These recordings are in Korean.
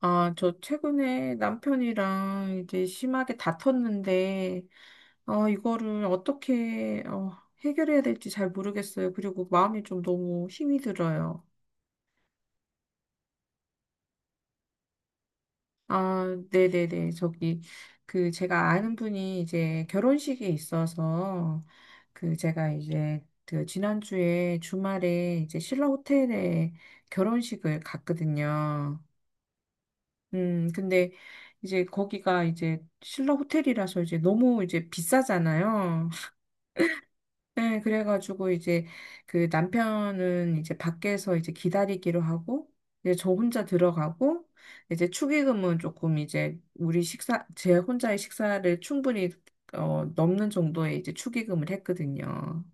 아, 저 최근에 남편이랑 이제 심하게 다퉜는데, 이거를 어떻게, 해결해야 될지 잘 모르겠어요. 그리고 마음이 좀 너무 힘이 들어요. 아, 네네네. 저기, 그, 제가 아는 분이 이제 결혼식에 있어서, 그, 제가 이제, 그, 지난주에 주말에 이제 신라 호텔에 결혼식을 갔거든요. 근데 이제 거기가 이제 신라 호텔이라서 이제 너무 이제 비싸잖아요. 네, 그래가지고 이제 그 남편은 이제 밖에서 이제 기다리기로 하고, 이제 저 혼자 들어가고, 이제 축의금은 조금 이제 우리 식사, 제 혼자의 식사를 충분히 넘는 정도의 이제 축의금을 했거든요.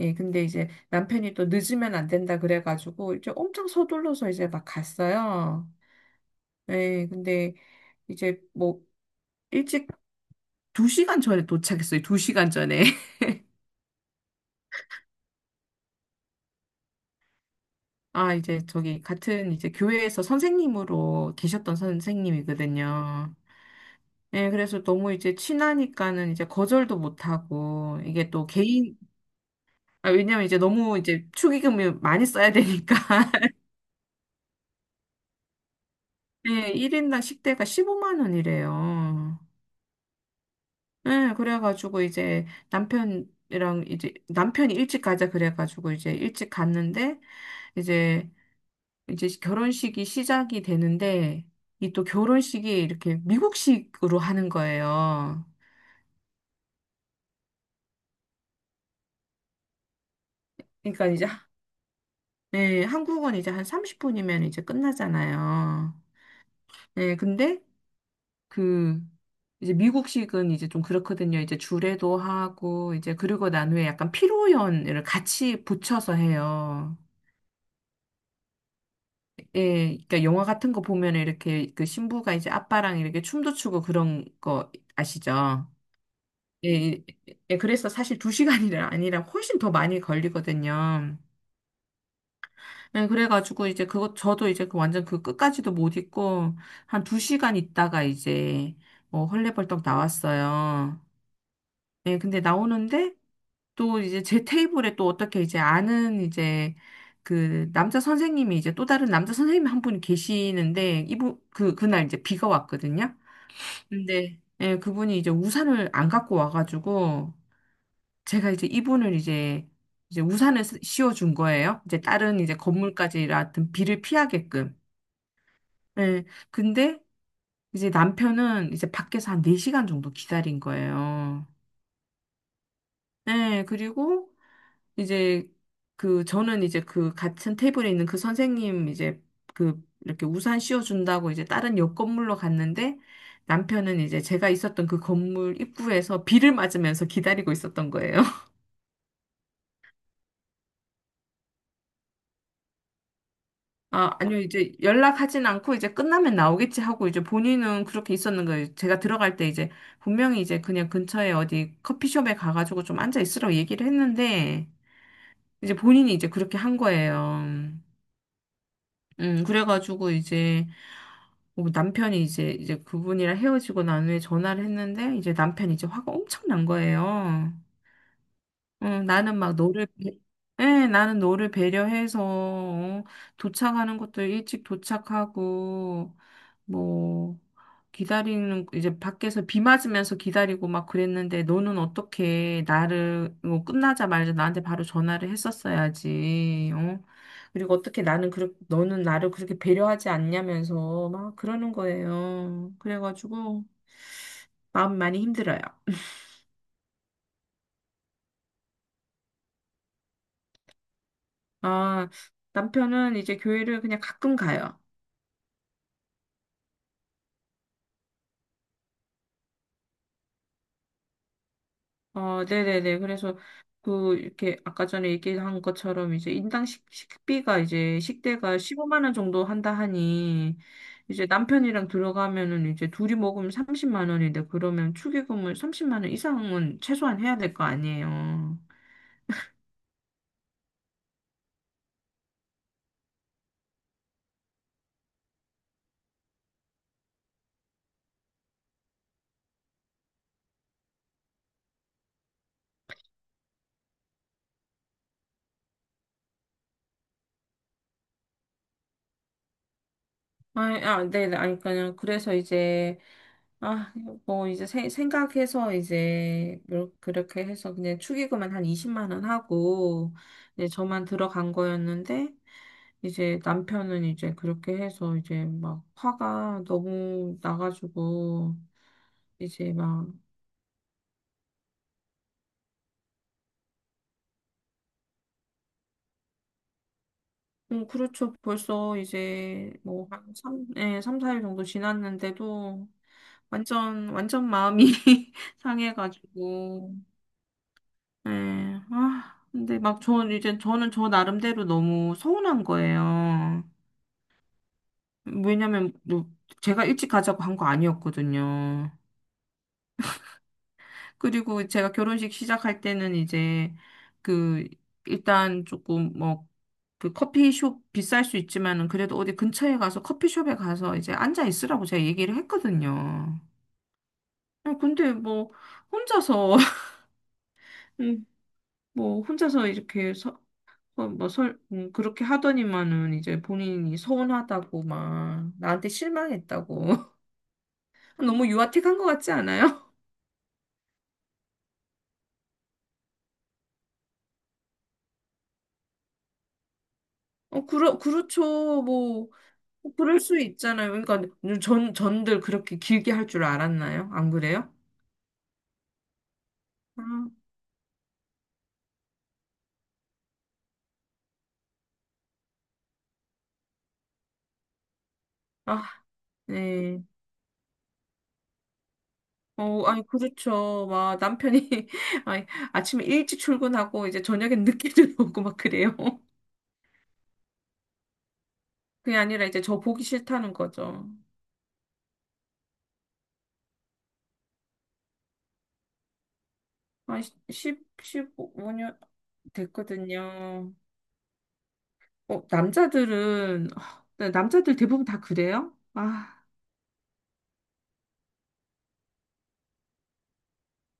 예, 근데 이제 남편이 또 늦으면 안 된다 그래가지고 이제 엄청 서둘러서 이제 막 갔어요. 예, 근데 이제 뭐 일찍 2시간 전에 도착했어요. 2시간 전에. 아, 이제 저기 같은 이제 교회에서 선생님으로 계셨던 선생님이거든요. 예, 그래서 너무 이제 친하니까는 이제 거절도 못하고, 이게 또 개인, 아, 왜냐면 이제 너무 이제 축의금을 많이 써야 되니까. 예, 1인당 식대가 15만 원이래요. 예, 그래가지고 이제 남편이랑 이제 남편이 일찍 가자 그래가지고 이제 일찍 갔는데, 이제 이제 결혼식이 시작이 되는데 이 또 결혼식이 이렇게 미국식으로 하는 거예요. 그러니까 이제 네, 한국은 이제 한 30분이면 이제 끝나잖아요. 네, 근데 그 이제 미국식은 이제 좀 그렇거든요. 이제 주례도 하고 이제 그리고 난 후에 약간 피로연을 같이 붙여서 해요. 예, 그러니까 영화 같은 거 보면 이렇게 그 신부가 이제 아빠랑 이렇게 춤도 추고 그런 거 아시죠? 예, 예, 그래서 사실 두 시간이 아니라 훨씬 더 많이 걸리거든요. 예, 그래가지고 이제 그거, 저도 이제 그 완전 그 끝까지도 못 있고, 한 2시간 있다가 이제, 헐레벌떡 나왔어요. 예, 근데 나오는데, 또 이제 제 테이블에 또 어떻게 이제 아는 이제 그 남자 선생님이 이제 또 다른 남자 선생님 한 분이 계시는데, 이분, 그, 그날 이제 비가 왔거든요. 근데, 예, 그분이 이제 우산을 안 갖고 와가지고, 제가 이제 이분을 이제 우산을 씌워준 거예요. 이제 다른 이제 건물까지 같은 비를 피하게끔. 예. 근데 이제 남편은 이제 밖에서 한 4시간 정도 기다린 거예요. 예. 그리고 이제 그 저는 이제 그 같은 테이블에 있는 그 선생님 이제 그 이렇게 우산 씌워준다고 이제 다른 옆 건물로 갔는데 남편은 이제 제가 있었던 그 건물 입구에서 비를 맞으면서 기다리고 있었던 거예요. 아, 아니요, 이제 연락하진 않고 이제 끝나면 나오겠지 하고 이제 본인은 그렇게 있었는 거예요. 제가 들어갈 때 이제 분명히 이제 그냥 근처에 어디 커피숍에 가가지고 좀 앉아 있으라고 얘기를 했는데 이제 본인이 이제 그렇게 한 거예요. 그래가지고 이제 뭐 남편이 이제 그분이랑 헤어지고 난 후에 전화를 했는데 이제 남편이 이제 화가 엄청 난 거예요. 나는 막 너를, 예, 나는 너를 배려해서, 도착하는 것도 일찍 도착하고, 뭐, 기다리는, 이제 밖에서 비 맞으면서 기다리고 막 그랬는데, 너는 어떻게 나를, 뭐, 끝나자마자 나한테 바로 전화를 했었어야지, 어? 그리고 어떻게 나는, 너는 나를 그렇게 배려하지 않냐면서 막 그러는 거예요. 그래가지고, 마음 많이 힘들어요. 아, 남편은 이제 교회를 그냥 가끔 가요. 어, 네네네. 그래서 그 이렇게 아까 전에 얘기한 것처럼 이제 인당 식비가 이제 식대가 15만 원 정도 한다 하니 이제 남편이랑 들어가면은 이제 둘이 먹으면 30만 원인데 그러면 축의금을 30만 원 이상은 최소한 해야 될 거 아니에요. 아, 아, 네네. 아니, 그냥 그래서 이제 아, 뭐 이제 생각해서 이제 그렇게 해서 그냥 축의금은 한 20만 원 하고 이제 저만 들어간 거였는데 이제 남편은 이제 그렇게 해서 이제 막 화가 너무 나가지고 이제 막 그렇죠. 벌써 이제 뭐 한 3, 예, 삼 4일 정도 지났는데도 완전 완전 마음이 상해가지고 네. 아, 근데 막 저는 이제 저는 저 나름대로 너무 서운한 거예요. 왜냐면 뭐 제가 일찍 가자고 한 거 아니었거든요. 그리고 제가 결혼식 시작할 때는 이제 그 일단 조금 뭐 그 커피숍 비쌀 수 있지만은 그래도 어디 근처에 가서 커피숍에 가서 이제 앉아 있으라고 제가 얘기를 했거든요. 아, 근데 뭐 혼자서 음, 뭐 혼자서 이렇게 서 뭐 그렇게 하더니만은 이제 본인이 서운하다고 막 나한테 실망했다고 너무 유아틱한 것 같지 않아요? 어, 그렇죠. 뭐 그럴 수 있잖아요. 그러니까 전 전들 그렇게 길게 할 줄 알았나요? 안 그래요? 아, 아, 네. 아니 그렇죠. 막 남편이 아니, 아침에 일찍 출근하고 이제 저녁엔 늦게 들어오고 막 그래요. 그게 아니라 이제 저 보기 싫다는 거죠. 한1 15 5년 됐거든요. 남자들은, 네, 남자들 대부분 다 그래요? 아,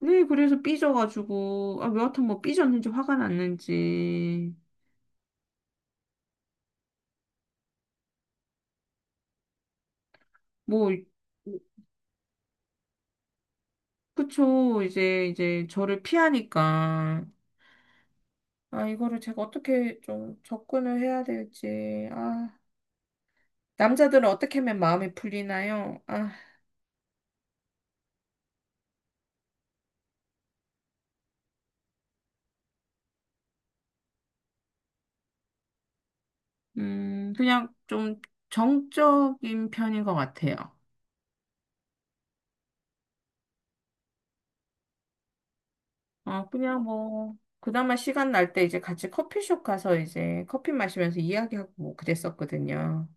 네, 그래서 삐져가지고, 아, 여하튼 뭐 삐졌는지 화가 났는지, 뭐, 그쵸, 이제 저를 피하니까. 아, 이거를 제가 어떻게 좀 접근을 해야 될지, 아. 남자들은 어떻게 하면 마음이 풀리나요? 아, 그냥 좀 정적인 편인 것 같아요. 아, 그냥 뭐, 그나마 시간 날 때 이제 같이 커피숍 가서 이제 커피 마시면서 이야기하고 뭐 그랬었거든요.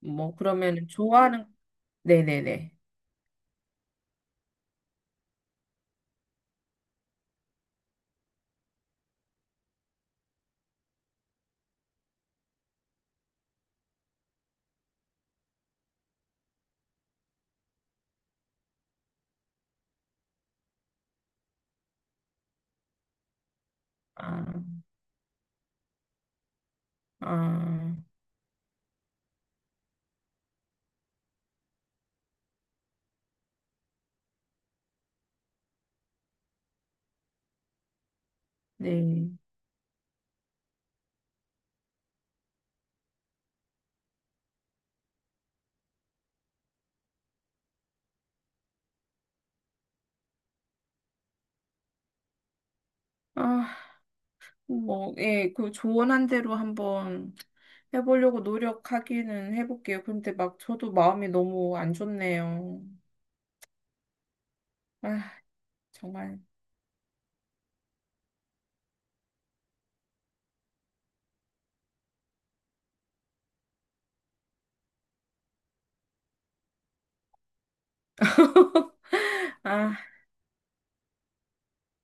뭐, 그러면 좋아하는, 네네네. 아, 아, 네. 아, 뭐, 예, 그 조언한 대로 한번 해보려고 노력하기는 해볼게요. 근데 막 저도 마음이 너무 안 좋네요. 아, 정말. 아,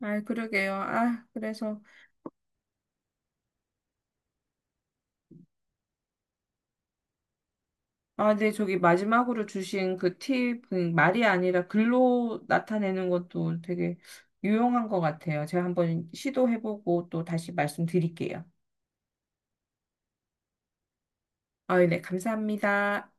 아, 그러게요. 아, 그래서. 아, 네, 저기 마지막으로 주신 그 팁, 그 말이 아니라 글로 나타내는 것도 되게 유용한 것 같아요. 제가 한번 시도해보고 또 다시 말씀드릴게요. 아, 네, 감사합니다.